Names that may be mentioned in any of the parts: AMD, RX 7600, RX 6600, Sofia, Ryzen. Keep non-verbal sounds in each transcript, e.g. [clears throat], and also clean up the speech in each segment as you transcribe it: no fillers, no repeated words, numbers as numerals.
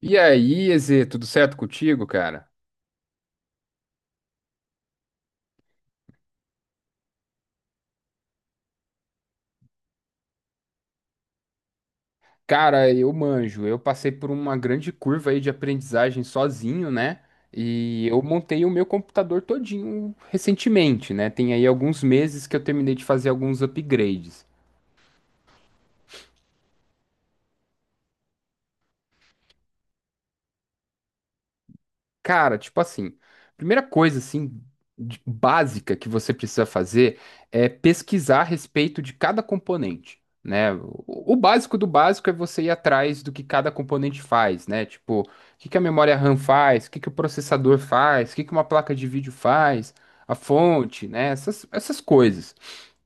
E aí, Eze, tudo certo contigo, cara? Cara, eu manjo. Eu passei por uma grande curva aí de aprendizagem sozinho, né? E eu montei o meu computador todinho recentemente, né? Tem aí alguns meses que eu terminei de fazer alguns upgrades. Cara, tipo assim, primeira coisa assim básica que você precisa fazer é pesquisar a respeito de cada componente, né? O básico do básico é você ir atrás do que cada componente faz, né? Tipo, o que que a memória RAM faz, o que que o processador faz, o que que uma placa de vídeo faz, a fonte, né? Essas coisas.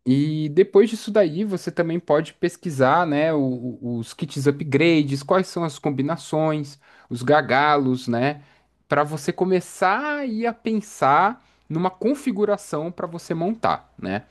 E depois disso daí, você também pode pesquisar, né, os kits upgrades, quais são as combinações, os gagalos, né, para você começar aí a pensar numa configuração para você montar, né?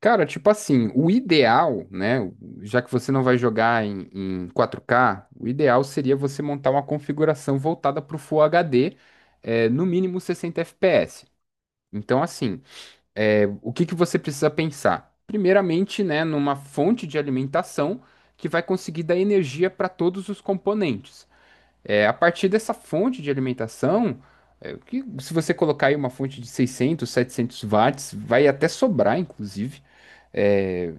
Cara, tipo assim, o ideal, né, já que você não vai jogar em, 4K, o ideal seria você montar uma configuração voltada para o Full HD, no mínimo 60 FPS. Então, assim. O que que você precisa pensar? Primeiramente, né, numa fonte de alimentação que vai conseguir dar energia para todos os componentes. É, a partir dessa fonte de alimentação, que, se você colocar aí uma fonte de 600, 700 watts, vai até sobrar, inclusive. É,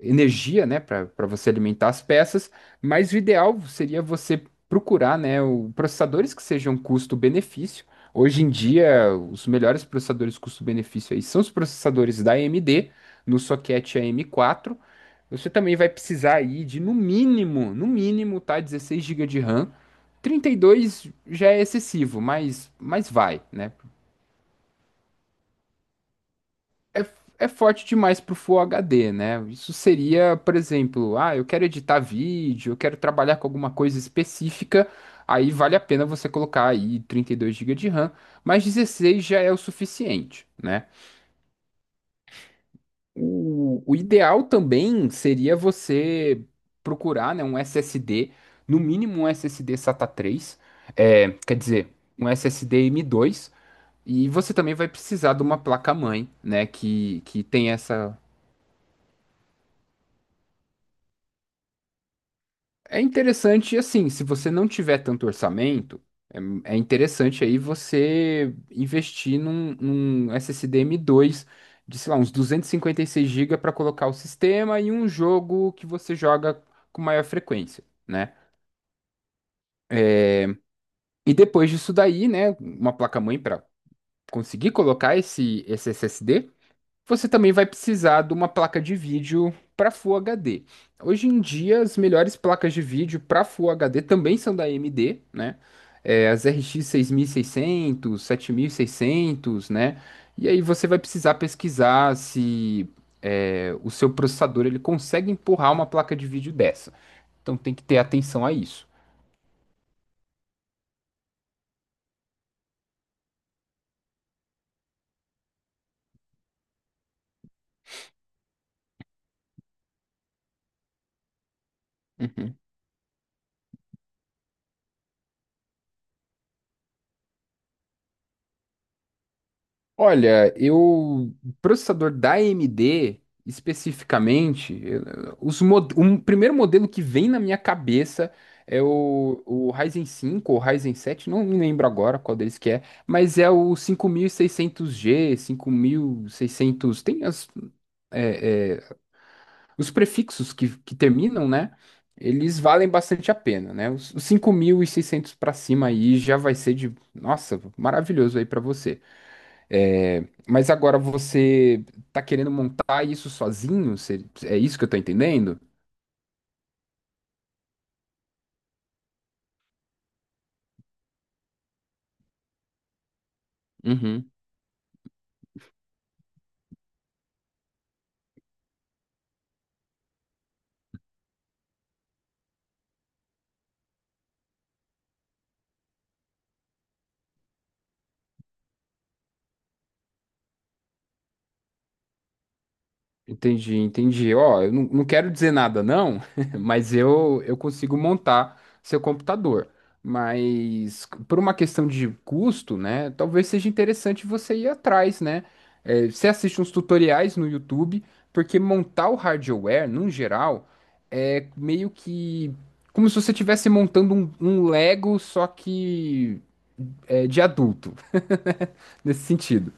energia, né, para você alimentar as peças, mas o ideal seria você procurar, né, processadores que sejam custo-benefício. Hoje em dia, os melhores processadores custo-benefício aí são os processadores da AMD, no socket AM4. Você também vai precisar aí de, no mínimo, no mínimo, tá, 16 GB de RAM. 32 já é excessivo, mas, vai, né? é, é forte demais pro Full HD, né? Isso seria, por exemplo, ah, eu quero editar vídeo, eu quero trabalhar com alguma coisa específica, aí vale a pena você colocar aí 32 gigas de RAM, mas 16 já é o suficiente, né? O ideal também seria você procurar, né, um SSD, no mínimo um SSD SATA 3, quer dizer, um SSD M2. E você também vai precisar de uma placa-mãe, né, que tem essa. É interessante, assim, se você não tiver tanto orçamento, é, é interessante aí você investir num SSD M2 de, sei lá, uns 256 GB para colocar o sistema e um jogo que você joga com maior frequência, né? E depois disso daí, né, uma placa-mãe para conseguir colocar esse SSD, você também vai precisar de uma placa de vídeo para Full HD. Hoje em dia, as melhores placas de vídeo para Full HD também são da AMD, né? É, as RX 6600, 7600, né? E aí você vai precisar pesquisar se o seu processador ele consegue empurrar uma placa de vídeo dessa. Então tem que ter atenção a isso. Uhum. Olha, eu processador da AMD especificamente, um primeiro modelo que vem na minha cabeça é o Ryzen 5, ou Ryzen 7, não me lembro agora qual deles que é, mas é o cinco mil e seiscentos g 5600, tem as, é, é, os prefixos que terminam, né? Eles valem bastante a pena, né? Os 5600 para cima aí já vai ser de, nossa, maravilhoso aí para você. É, mas agora você tá querendo montar isso sozinho? É isso que eu tô entendendo? Uhum. Entendi, entendi. Ó, eu não, não quero dizer nada, não, [laughs] mas eu consigo montar seu computador. Mas por uma questão de custo, né? Talvez seja interessante você ir atrás, né? É, você assiste uns tutoriais no YouTube, porque montar o hardware, num geral, é meio que como se você estivesse montando um, Lego, só que de adulto, [laughs] nesse sentido.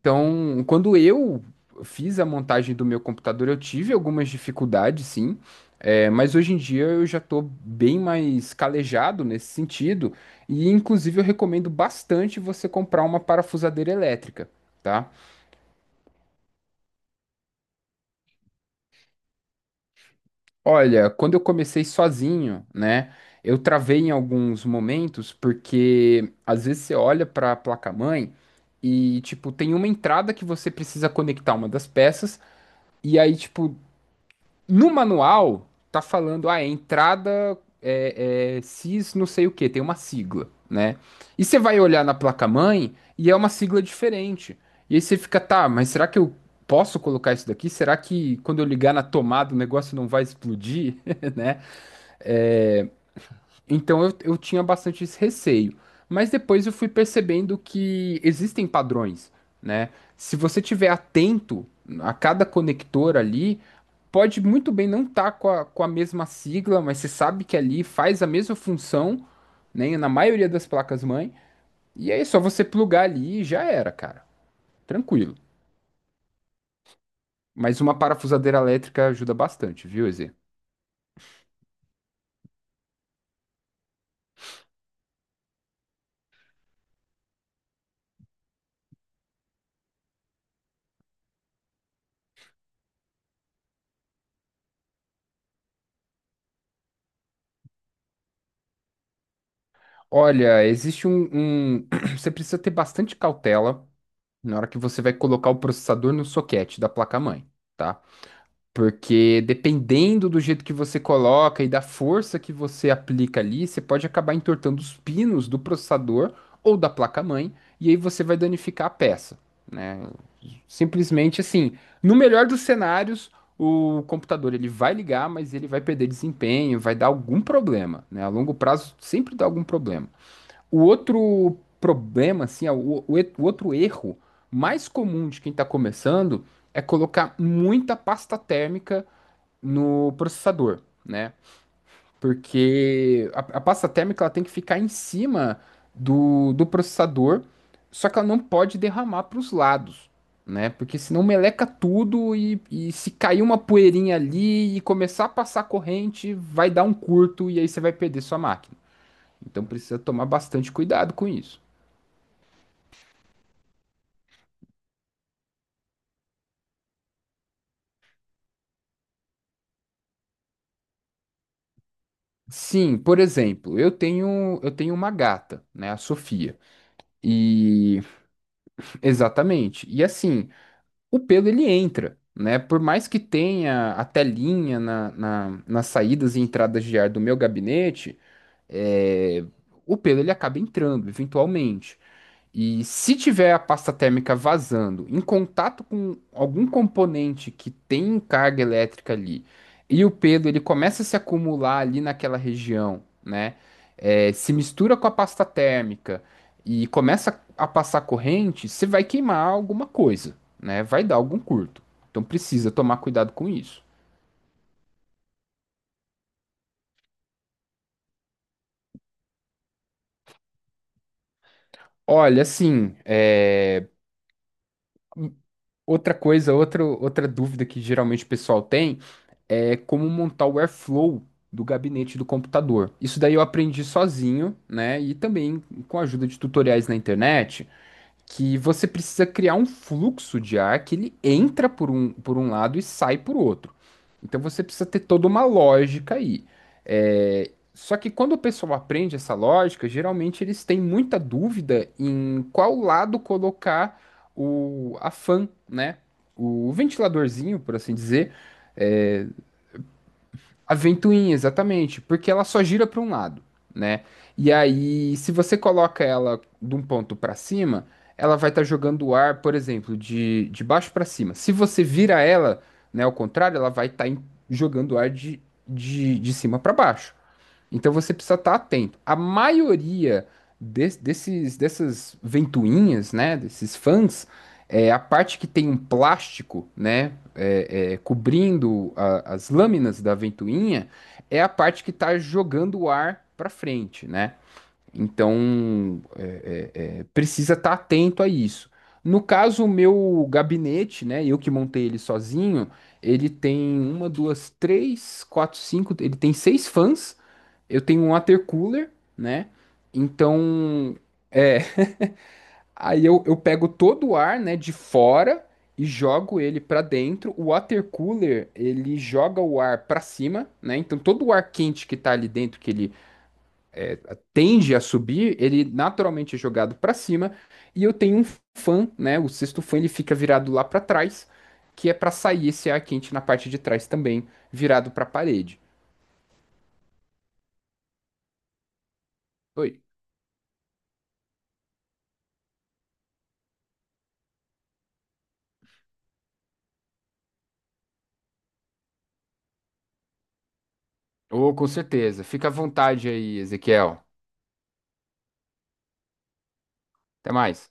Então, quando eu fiz a montagem do meu computador, eu tive algumas dificuldades, sim. É, mas hoje em dia eu já estou bem mais calejado nesse sentido, e inclusive eu recomendo bastante você comprar uma parafusadeira elétrica, tá? Olha, quando eu comecei sozinho, né, eu travei em alguns momentos, porque às vezes você olha para a placa-mãe e, tipo, tem uma entrada que você precisa conectar uma das peças. E aí, tipo, no manual tá falando, ah, é entrada CIS não sei o que tem uma sigla, né? E você vai olhar na placa-mãe e é uma sigla diferente. E aí você fica, tá, mas será que eu posso colocar isso daqui? Será que quando eu ligar na tomada o negócio não vai explodir, [laughs] né? É, então eu tinha bastante esse receio. Mas depois eu fui percebendo que existem padrões, né? Se você tiver atento a cada conector ali, pode muito bem não estar com a mesma sigla, mas você sabe que ali faz a mesma função, né? Na maioria das placas-mãe. E aí é só você plugar ali e já era, cara. Tranquilo. Mas uma parafusadeira elétrica ajuda bastante, viu, Eze? Olha, existe um- [clears throat] Você precisa ter bastante cautela na hora que você vai colocar o processador no soquete da placa-mãe, tá? Porque dependendo do jeito que você coloca e da força que você aplica ali, você pode acabar entortando os pinos do processador ou da placa-mãe, e aí você vai danificar a peça, né? Simplesmente assim, no melhor dos cenários, o computador ele vai ligar, mas ele vai perder desempenho, vai dar algum problema, né? A longo prazo sempre dá algum problema. O outro problema, assim, ó, o outro erro mais comum de quem está começando é colocar muita pasta térmica no processador, né? Porque a pasta térmica ela tem que ficar em cima do processador, só que ela não pode derramar para os lados, né? Porque senão meleca tudo e se cair uma poeirinha ali e começar a passar corrente, vai dar um curto e aí você vai perder sua máquina. Então precisa tomar bastante cuidado com isso. Sim, por exemplo, eu tenho uma gata, né, a Sofia. E [laughs] exatamente. E assim, o pelo ele entra, né? Por mais que tenha a telinha nas saídas e entradas de ar do meu gabinete, é, o pelo ele acaba entrando, eventualmente. E se tiver a pasta térmica vazando em contato com algum componente que tem carga elétrica ali, e o pelo ele começa a se acumular ali naquela região, né? É, se mistura com a pasta térmica e começa a passar corrente, você vai queimar alguma coisa, né? Vai dar algum curto. Então precisa tomar cuidado com isso. Olha, assim, outra coisa, outra dúvida que geralmente o pessoal tem. É como montar o Airflow do gabinete do computador. Isso daí eu aprendi sozinho, né? E também com a ajuda de tutoriais na internet, que você precisa criar um fluxo de ar que ele entra por um, lado e sai por outro. Então você precisa ter toda uma lógica aí. É, só que quando o pessoal aprende essa lógica, geralmente eles têm muita dúvida em qual lado colocar a fan, né? O ventiladorzinho, por assim dizer. É, a ventoinha, exatamente, porque ela só gira para um lado, né? E aí, se você coloca ela de um ponto para cima, ela vai estar jogando o ar, por exemplo, de baixo para cima. Se você vira ela, né, ao contrário, ela vai estar jogando o ar de cima para baixo. Então você precisa estar atento. A maioria dessas ventoinhas, né, desses fãs, a parte que tem um plástico, né, cobrindo as lâminas da ventoinha, é a parte que está jogando o ar para frente, né? Então precisa estar atento a isso. No caso, o meu gabinete, né, eu que montei ele sozinho, ele tem uma, duas, três, quatro, cinco, ele tem seis fãs. Eu tenho um water cooler, né? Então, aí eu pego todo o ar, né, de fora e jogo ele para dentro. O water cooler, ele joga o ar para cima, né? Então, todo o ar quente que tá ali dentro, que ele tende a subir, ele naturalmente é jogado para cima. E eu tenho um fã, né? O sexto fã, ele fica virado lá para trás, que é para sair esse ar quente na parte de trás também, virado para a parede. Oi. Ô, com certeza. Fica à vontade aí, Ezequiel. Até mais.